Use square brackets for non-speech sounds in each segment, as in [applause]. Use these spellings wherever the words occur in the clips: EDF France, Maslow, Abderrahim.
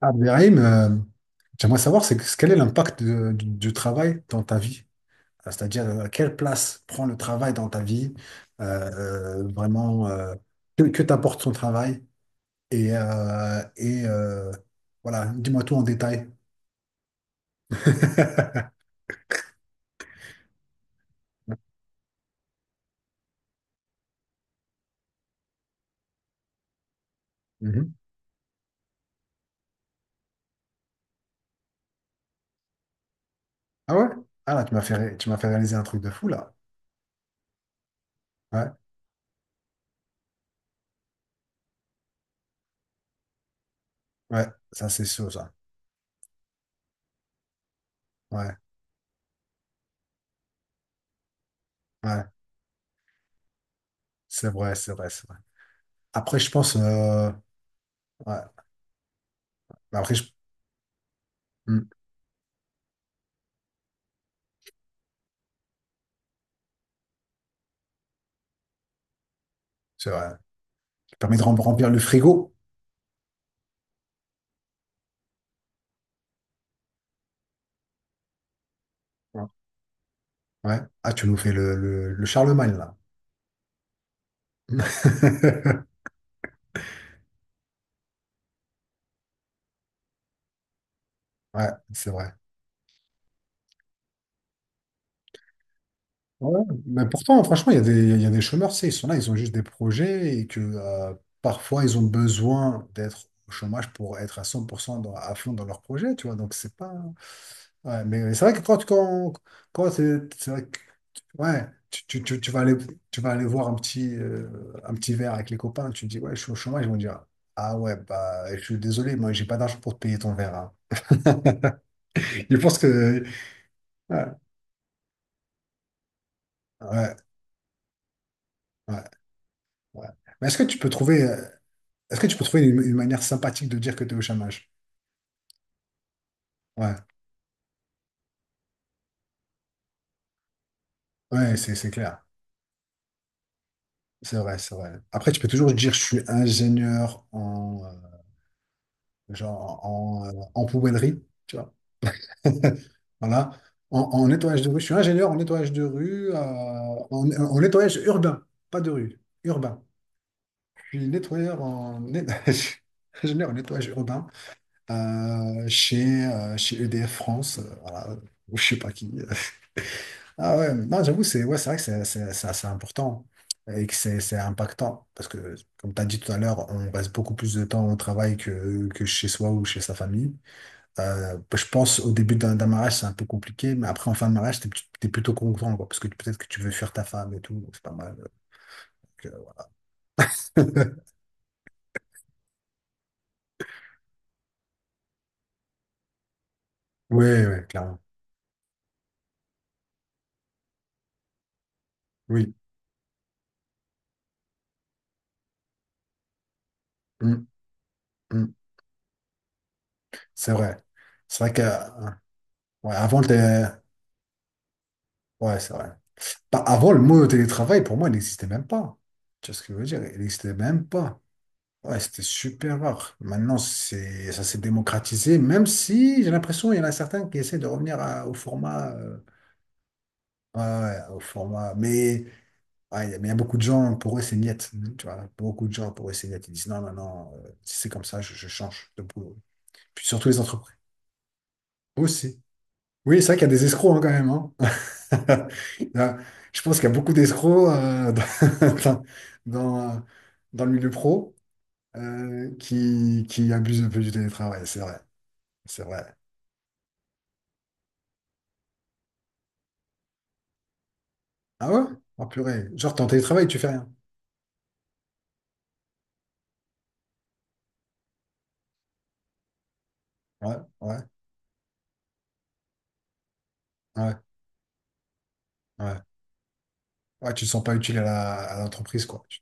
Abderrahim, j'aimerais savoir quel est l'impact du travail dans ta vie? C'est-à-dire, quelle place prend le travail dans ta vie? Euh, vraiment, que t'apporte son travail? Et, euh, et euh, voilà, dis-moi tout en détail. [laughs] Mhm. Ah ouais? Ah là, tu m'as fait réaliser un truc de fou là. Ouais, ouais, ça c'est sûr ça. Ouais, ouais, c'est vrai. Après, je pense, ouais. Mais après, je- hmm, c'est vrai. Ça permet de remplir le frigo. Ouais. Ouais. Ah, tu nous fais le Charlemagne, là. [laughs] Ouais, c'est vrai. Ouais. Mais pourtant, franchement, il y a des chômeurs, c'est, ils sont là, ils ont juste des projets et que parfois, ils ont besoin d'être au chômage pour être à 100% à fond dans leur projet, tu vois. Donc, c'est pas. Ouais, mais c'est vrai que quand ouais, tu vas aller voir un un petit verre avec les copains, tu dis, ouais, je suis au chômage, ils vont dire, ah ouais, bah, je suis désolé, moi, j'ai pas d'argent pour te payer ton verre, hein. [laughs] Je pense que. Ouais, ouais, ouais, ouais. Mais est-ce que tu peux trouver une manière sympathique de dire que tu es au chômage? Ouais, ouais, c'est clair. C'est vrai, c'est vrai. Après, tu peux toujours dire je suis ingénieur genre, en poubellerie, tu vois. Voilà. En, en nettoyage de rue. Je suis ingénieur en nettoyage de rue, en, en nettoyage urbain, pas de rue, urbain. Je suis nettoyeur [laughs] ingénieur en nettoyage urbain, chez EDF France, voilà, ou je sais pas qui. [laughs] Ah ouais, non, j'avoue, c'est ouais, c'est vrai que c'est assez important et que c'est impactant parce que, comme tu as dit tout à l'heure, on reste beaucoup plus de temps au travail que chez soi ou chez sa famille. Je pense au début d'un mariage, c'est un peu compliqué, mais après, en fin de mariage, t'es plutôt content, quoi, parce que peut-être que tu veux fuir ta femme et tout, donc c'est pas mal. Donc, euh, Oui, oui, [laughs] clairement. Oui, Mm, mm. C'est vrai. C'est vrai que, ouais, avant, t'es... Ouais, c'est vrai. Bah, avant, le mot télétravail, pour moi, il n'existait même pas. Tu vois ce que je veux dire? Il n'existait même pas. Ouais, c'était super rare. Maintenant, c'est, ça s'est démocratisé, même si j'ai l'impression qu'il y en a certains qui essaient de revenir au format. Ouais, ouais, au format. Mais ouais, il y a mais il y a beaucoup de gens, pour eux, c'est niet. Tu vois, beaucoup de gens, pour eux, c'est niet. Ils disent non, non, non, si c'est comme ça, je change de boulot. Puis surtout les entreprises aussi. Oui, c'est vrai qu'il y a des escrocs hein, quand même, hein. [laughs] Il Je pense qu'il y a beaucoup d'escrocs [laughs] dans, dans, dans le milieu pro qui abusent un peu du télétravail, c'est vrai. C'est vrai. Ah ouais? Oh purée. Genre, t'es en télétravail, tu fais rien. Ouais, ouais, ouais, ouais. Ouais, tu te sens pas utile à l'entreprise, quoi. Tu-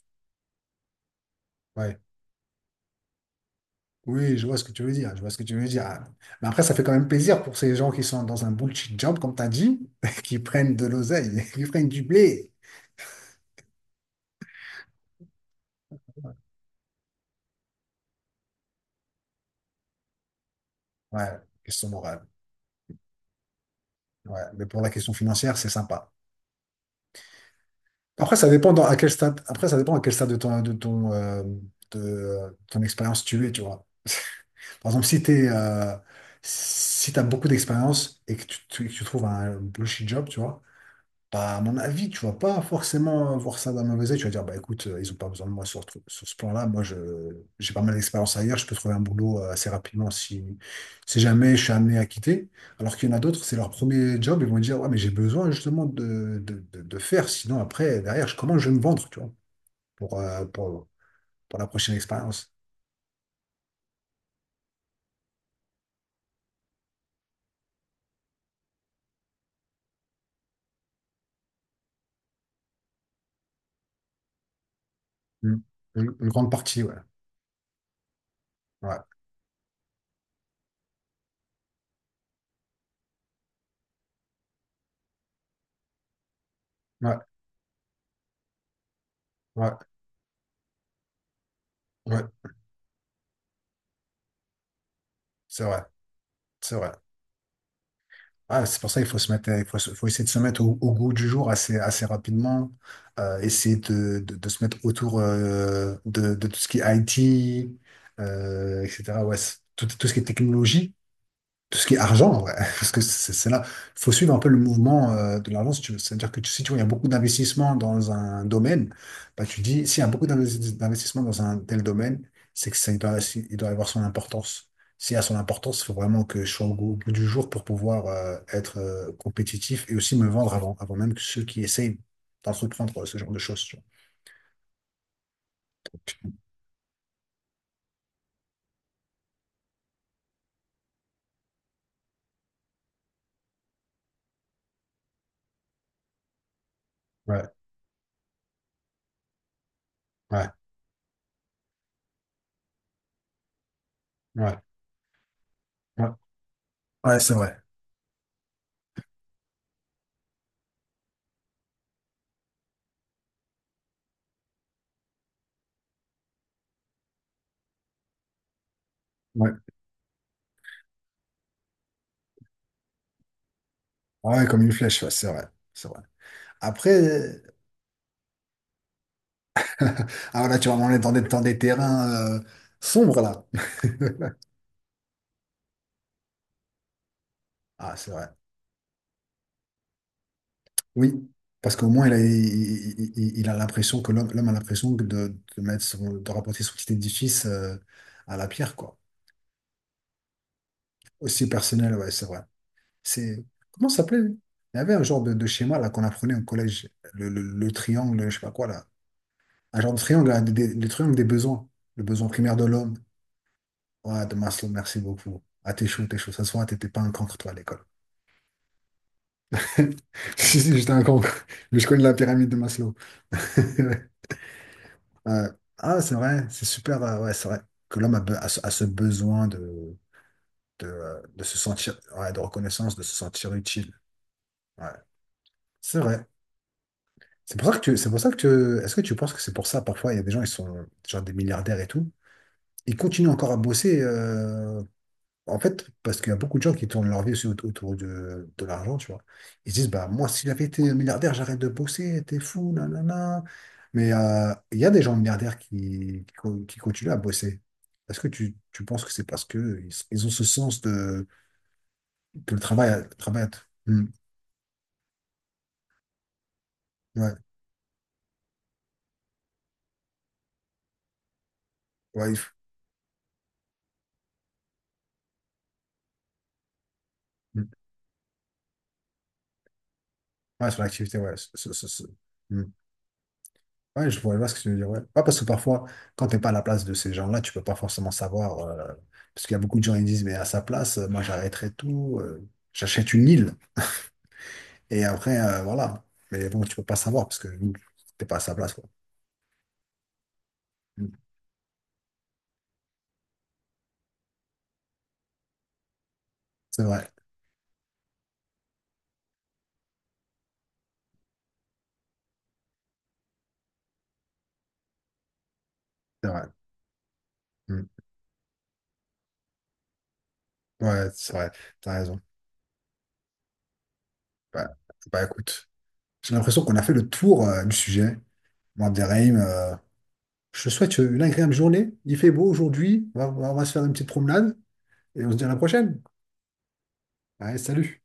Ouais. Oui, je vois ce que tu veux dire. Je vois ce que tu veux dire. Ah. Mais après, ça fait quand même plaisir pour ces gens qui sont dans un bullshit job, comme t'as dit, [laughs] qui prennent de l'oseille, [laughs] qui prennent du blé. Ouais. Question morale. Ouais, mais pour la question financière, c'est sympa. Après, ça dépend à quel stade, après, ça dépend à quel stade ton expérience tu es, tu vois. Par exemple, si t'as beaucoup d'expérience et que tu trouves un bullshit job, tu vois, bah, à mon avis, tu vas pas forcément voir ça d'un mauvais œil. Tu vas dire, bah écoute, ils ont pas besoin de moi sur ce plan-là. Moi, je, j'ai pas mal d'expérience ailleurs. Je peux trouver un boulot assez rapidement si, si jamais je suis amené à quitter. Alors qu'il y en a d'autres, c'est leur premier job. Ils vont dire, ouais, mais j'ai besoin justement de faire. Sinon, après, derrière, comment je vais me vendre, tu vois, pour, euh, pour, pour la prochaine expérience. Mm. Une grande partie, ouais. Ouais, ouais, ouais, ouais. C'est vrai, c'est vrai. Ah, c'est pour ça qu'il faut se mettre, faut essayer de se mettre au goût du jour assez rapidement. Essayer de se mettre autour de tout ce qui est IT, etc. Ouais, tout ce qui est technologie. Tout ce qui est argent, ouais, [laughs] parce que c'est là. Il faut suivre un peu le mouvement de l'argent, si tu veux. C'est-à-dire que si tu vois, il y a beaucoup d'investissements dans un domaine, bah, tu dis, s'il y a beaucoup d'investissements dans un tel domaine, c'est que ça, il doit, si- il doit avoir son importance. S'il y a son importance, il faut vraiment que je sois au goût, au bout du jour pour pouvoir être compétitif et aussi me vendre avant, avant même que ceux qui essayent d'entreprendre ce genre de choses, tu vois. Ouais, ouais, ouais, ouais. Ouais, c'est vrai. Ouais, ouais, comme une flèche, ouais, c'est vrai. C'est vrai. Après. [laughs] Ah là, tu vas m'emmener dans des terrains sombres là. [laughs] Ah, c'est vrai. Oui, parce qu'au moins, il a, il, il a l'impression que l'homme a l'impression de mettre son, de rapporter son petit édifice à la pierre, quoi. Aussi personnel, ouais, c'est vrai. C'est, comment ça s'appelait? Lui il y avait un genre de schéma là qu'on apprenait au collège, le triangle, je sais pas quoi là. Un genre de triangle, là, le triangle des besoins, le besoin primaire de l'homme. Ouais, de Maslow, merci beaucoup. Ah, t'es chaud, t'es chaud. Ça se voit, t'étais pas un cancre, toi, à l'école. [laughs] Si, si, j'étais un con. Mais je connais la pyramide de Maslow. [laughs] Ouais. Euh, ah, c'est vrai, c'est super. Ouais, c'est vrai que l'homme a ce besoin de se sentir, ouais, de reconnaissance, de se sentir utile. Ouais, c'est vrai. C'est pour ça que tu, c'est pour ça que est-ce que tu penses que c'est pour ça, parfois, il y a des gens, ils sont genre des milliardaires et tout, ils continuent encore à bosser, en fait, parce qu'il y a beaucoup de gens qui tournent leur vie aussi autour de l'argent, tu vois. Ils se disent, bah, moi, si j'avais été milliardaire, j'arrête de bosser, t'es fou, nanana. Mais il y a des gens milliardaires qui continuent à bosser. Est-ce que tu penses que c'est parce que ils ont ce sens de, que le travail, hmm, ouais, ouais, hmm, ouais, sur l'activité, ouais, hmm. Ouais, je vois ce que tu veux dire. Ouais. Ouais, parce que parfois, quand tu n'es pas à la place de ces gens-là, tu peux pas forcément savoir, parce qu'il y a beaucoup de gens qui disent, mais à sa place, moi j'arrêterais tout, j'achète une île. Et après, voilà. Mais bon, tu peux pas savoir parce que tu n'es pas à sa place, quoi. Mm. C'est vrai, c'est vrai. Mm. Ouais, c'est vrai, tu as raison. Ouais. Bah écoute, j'ai l'impression qu'on a fait le tour du sujet. Mandarim, je te souhaite une agréable journée. Il fait beau aujourd'hui. On va se faire une petite promenade et on se dit à la prochaine. Allez, salut.